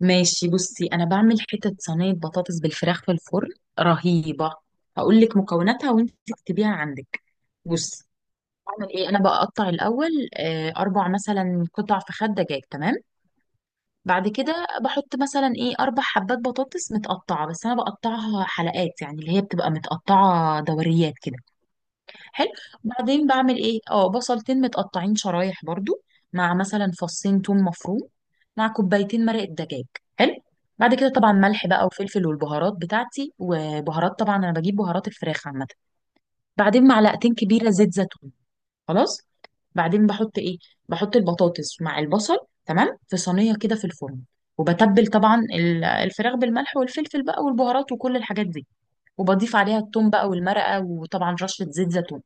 ماشي. بصي، انا بعمل حتة صينية بطاطس بالفراخ في الفرن، رهيبة. هقول لك مكوناتها وانت تكتبيها عندك. بصي، بعمل ايه؟ انا بقطع الاول. اربع مثلا قطع فخاد دجاج، تمام. بعد كده بحط مثلا ايه اربع حبات بطاطس متقطعة، بس انا بقطعها حلقات، يعني اللي هي بتبقى متقطعة دوريات كده. حلو. بعدين بعمل ايه؟ اه بصلتين متقطعين شرايح برضو، مع مثلا فصين توم مفروم، مع كوبايتين مرق الدجاج. حلو. بعد كده طبعا ملح بقى وفلفل والبهارات بتاعتي، وبهارات طبعا انا بجيب بهارات الفراخ عامه. بعدين معلقتين كبيره زيت زيتون. خلاص. بعدين بحط ايه، بحط البطاطس مع البصل، تمام، في صينيه كده في الفرن. وبتبل طبعا الفراخ بالملح والفلفل بقى والبهارات وكل الحاجات دي. وبضيف عليها التوم بقى والمرقه، وطبعا رشه زيت زيتون.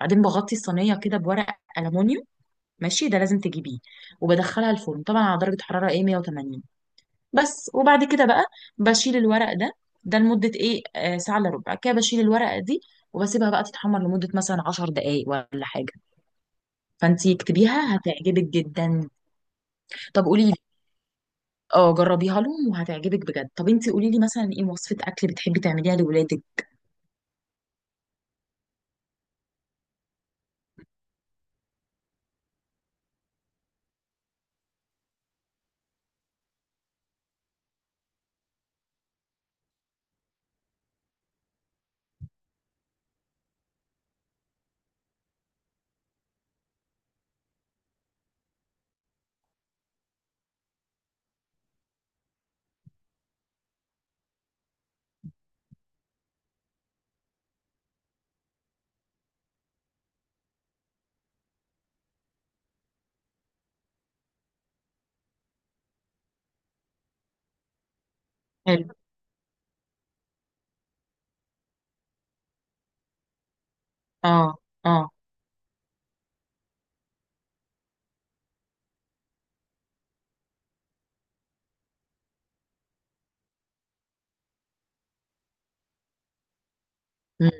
بعدين بغطي الصينيه كده بورق الومنيوم، ماشي ده لازم تجيبيه. وبدخلها الفرن طبعا على درجه حراره ايه 180 بس. وبعد كده بقى بشيل الورق ده، ده لمده ايه آه ساعه الا ربع كده، بشيل الورقه دي وبسيبها بقى تتحمر لمده مثلا 10 دقائق ولا حاجه. فانتي اكتبيها، هتعجبك جدا. طب قولي لي، اه جربيها لهم وهتعجبك بجد. طب انتي قولي لي مثلا ايه وصفه اكل بتحبي تعمليها لولادك؟ حلو. اه، اه. مم.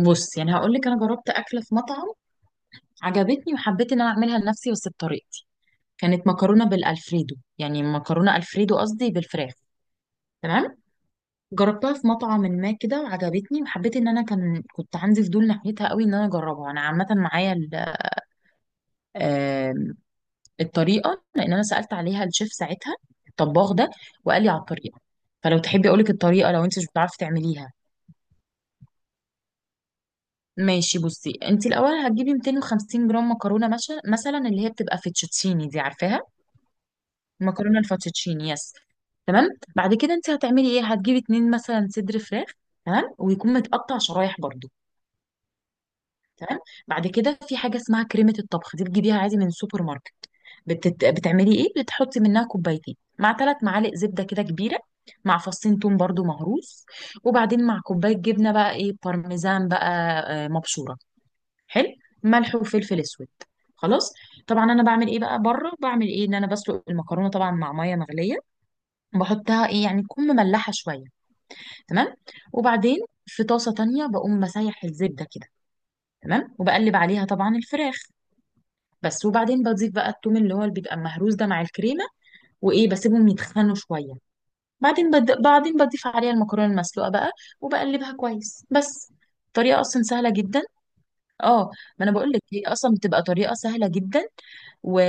بص، يعني هقول لك انا جربت اكله في مطعم عجبتني، وحبيت ان انا اعملها لنفسي بس بطريقتي. كانت مكرونه بالالفريدو، يعني مكرونه الفريدو قصدي، بالفراخ، تمام. جربتها في مطعم ما كده وعجبتني، وحبيت ان انا كنت عندي فضول ناحيتها قوي، ان انا اجربها. انا عامه معايا آم، الطريقه، لان انا سالت عليها الشيف ساعتها، الطباخ ده، وقال لي على الطريقه. فلو تحبي اقول لك الطريقه، لو انت مش بتعرفي تعمليها. ماشي. بصي، انت الاول هتجيبي 250 جرام مكرونه، مثلا اللي هي بتبقى فيتشوتشيني، دي عارفاها، مكرونه الفاتوتشيني، يس، تمام. بعد كده انت هتعملي ايه؟ هتجيبي اتنين مثلا صدر فراخ، تمام، ويكون متقطع شرايح برضو، تمام. بعد كده في حاجه اسمها كريمه الطبخ، دي بتجيبيها عادي من السوبر ماركت. بتعملي ايه؟ بتحطي منها كوبايتين مع ثلاث معالق زبده كده كبيره، مع فصين توم برضو مهروس. وبعدين مع كوبايه جبنه بقى ايه بارميزان بقى، مبشوره. حلو. ملح وفلفل اسود. خلاص. طبعا انا بعمل ايه بقى بره، بعمل ايه ان انا بسلق المكرونه طبعا مع ميه مغليه، بحطها ايه يعني تكون مملحه شويه، تمام. وبعدين في طاسه تانية بقوم مسيح الزبده كده، تمام، وبقلب عليها طبعا الفراخ بس. وبعدين بضيف بقى التوم اللي هو اللي بيبقى مهروس ده مع الكريمه، وايه بسيبهم يتخنوا شويه. بعدين بعدين بضيف عليها المكرونه المسلوقه بقى وبقلبها كويس بس. طريقه اصلا سهله جدا. اه، ما انا بقول لك هي اصلا بتبقى طريقه سهله جدا. و...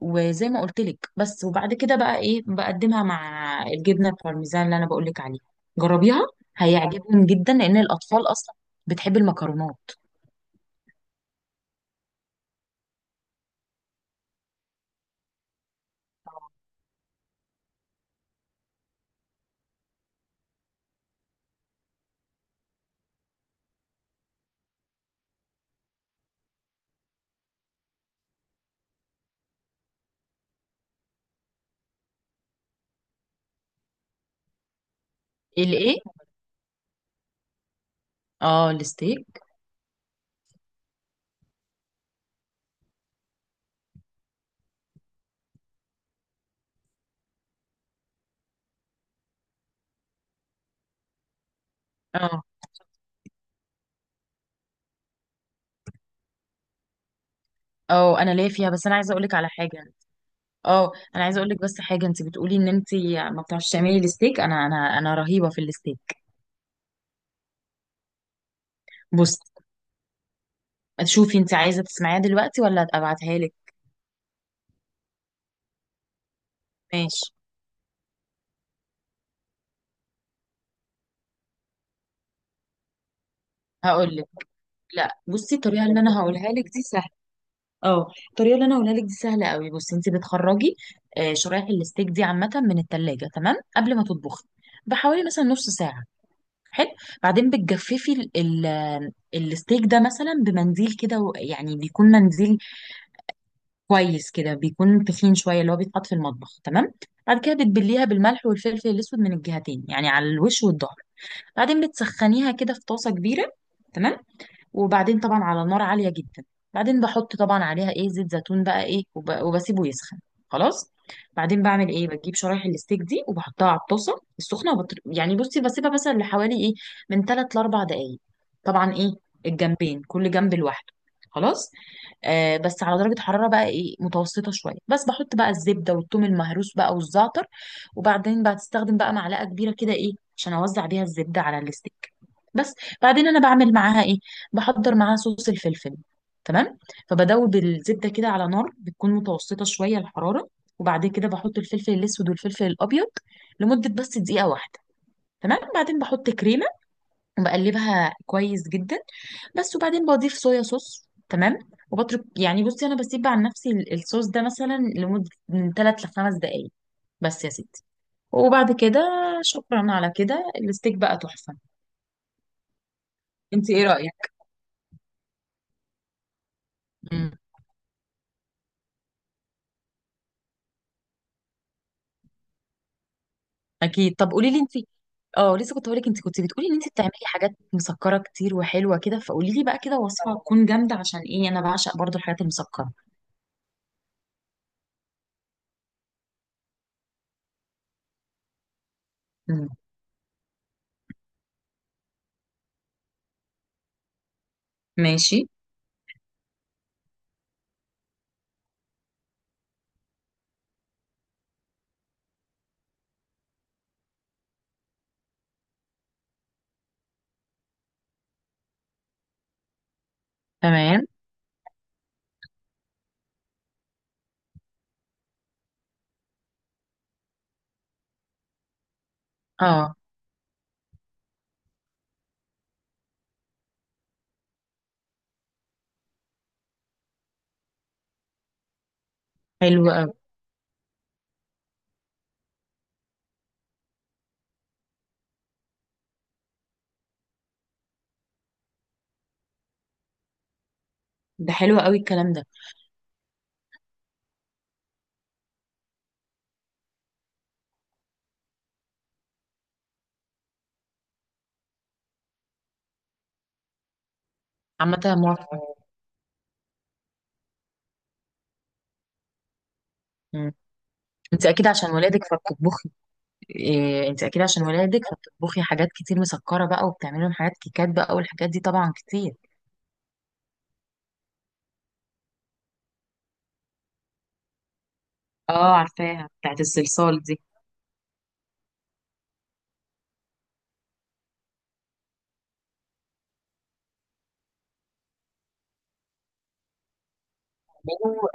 وزي ما قلت لك، بس وبعد كده بقى ايه بقدمها مع الجبنه البارميزان اللي انا بقول لك عليها. جربيها، هيعجبهم جدا لان الاطفال اصلا بتحب المكرونات. الايه؟ اه الستيك. اه، اه انا ليا فيها، بس انا عايزه اقول لك على حاجه. اه انا عايزه اقول لك بس حاجه، انت بتقولي ان انت ما بتعرفيش تعملي الستيك. انا انا رهيبه في الستيك. بصي، شوفي، انت عايزه تسمعيها دلوقتي ولا ابعتها لك؟ ماشي، هقول لك. لا بصي، الطريقه اللي انا هقولها لك دي سهله. اه، الطريقه اللي انا هقولها لك دي سهله قوي. بصي، انت بتخرجي شرايح الستيك دي عامه من التلاجة، تمام، قبل ما تطبخي بحوالي مثلا نص ساعه. حلو. بعدين بتجففي الستيك ده مثلا بمنديل كده يعني بيكون منديل كويس كده، بيكون تخين شويه، اللي هو بيتحط في المطبخ، تمام. بعد كده بتبليها بالملح والفلفل الاسود من الجهتين، يعني على الوش والظهر. بعدين بتسخنيها كده في طاسه كبيره، تمام، وبعدين طبعا على نار عالية جدا. بعدين بحط طبعا عليها ايه زيت زيتون بقى ايه وبسيبه يسخن. خلاص. بعدين بعمل ايه، بجيب شرايح الستيك دي وبحطها على الطاسة السخنة، يعني بصي بسيبها مثلا لحوالي ايه من 3 ل 4 دقايق، طبعا ايه الجنبين كل جنب لوحده. خلاص. آه بس على درجة حرارة بقى ايه متوسطة شوية، بس بحط بقى الزبدة والثوم المهروس بقى والزعتر، وبعدين بتستخدم بقى معلقة كبيرة كده ايه عشان اوزع بيها الزبدة على الستيك بس. بعدين انا بعمل معاها ايه، بحضر معاها صوص الفلفل، تمام. فبدوب الزبده كده على نار بتكون متوسطه شويه الحراره، وبعدين كده بحط الفلفل الاسود والفلفل الابيض لمده بس دقيقه واحده، تمام. بعدين بحط كريمه وبقلبها كويس جدا بس، وبعدين بضيف صويا صوص، تمام. وبترك، يعني بصي انا بسيب عن نفسي الصوص ده مثلا لمده من 3 ل 5 دقائق، بس يا ستي. وبعد كده شكرا على كده، الستيك بقى تحفه. انت ايه رايك؟ اكيد. طب قولي لي انت، اه لسه كنت هقول لك انت كنت بتقولي ان انت بتعملي حاجات مسكره كتير وحلوه كده، فقولي لي بقى كده وصفه تكون جامده، عشان ايه انا بعشق برضو الحاجات المسكره. مم. ماشي. تمام. اه. حلو قوي. ده حلو قوي الكلام ده. عامه موافقه. مم. انت اكيد عشان ولادك فبتطبخي إيه؟ انت اكيد عشان ولادك فبتطبخي حاجات كتير مسكره بقى، وبتعملي لهم حاجات كيكات بقى والحاجات دي طبعا كتير. اه عارفاها بتاعت الصلصال دي. حلو.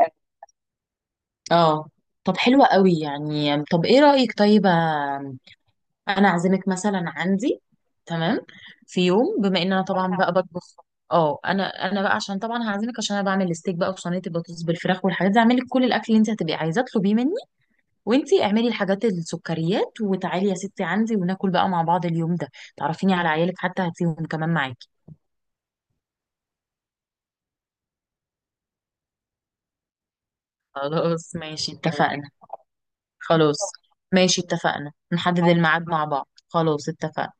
اه. طب حلوة قوي يعني، طب ايه رأيك؟ طيب، انا اعزمك مثلا عندي، تمام، في يوم بما ان انا طبعا بقى بطبخ. اه انا بقى عشان طبعا هعزمك، عشان انا بعمل الستيك بقى وصينيه البطاطس بالفراخ والحاجات دي، اعمل لك كل الاكل اللي انت هتبقي عايزاه اطلبيه مني. وانتي اعملي الحاجات السكريات وتعالي يا ستي عندي، وناكل بقى مع بعض اليوم ده. تعرفيني على عيالك حتى، هاتيهم كمان معاكي. خلاص ماشي اتفقنا. خلاص. ماشي اتفقنا، نحدد الميعاد مع بعض، خلاص اتفقنا.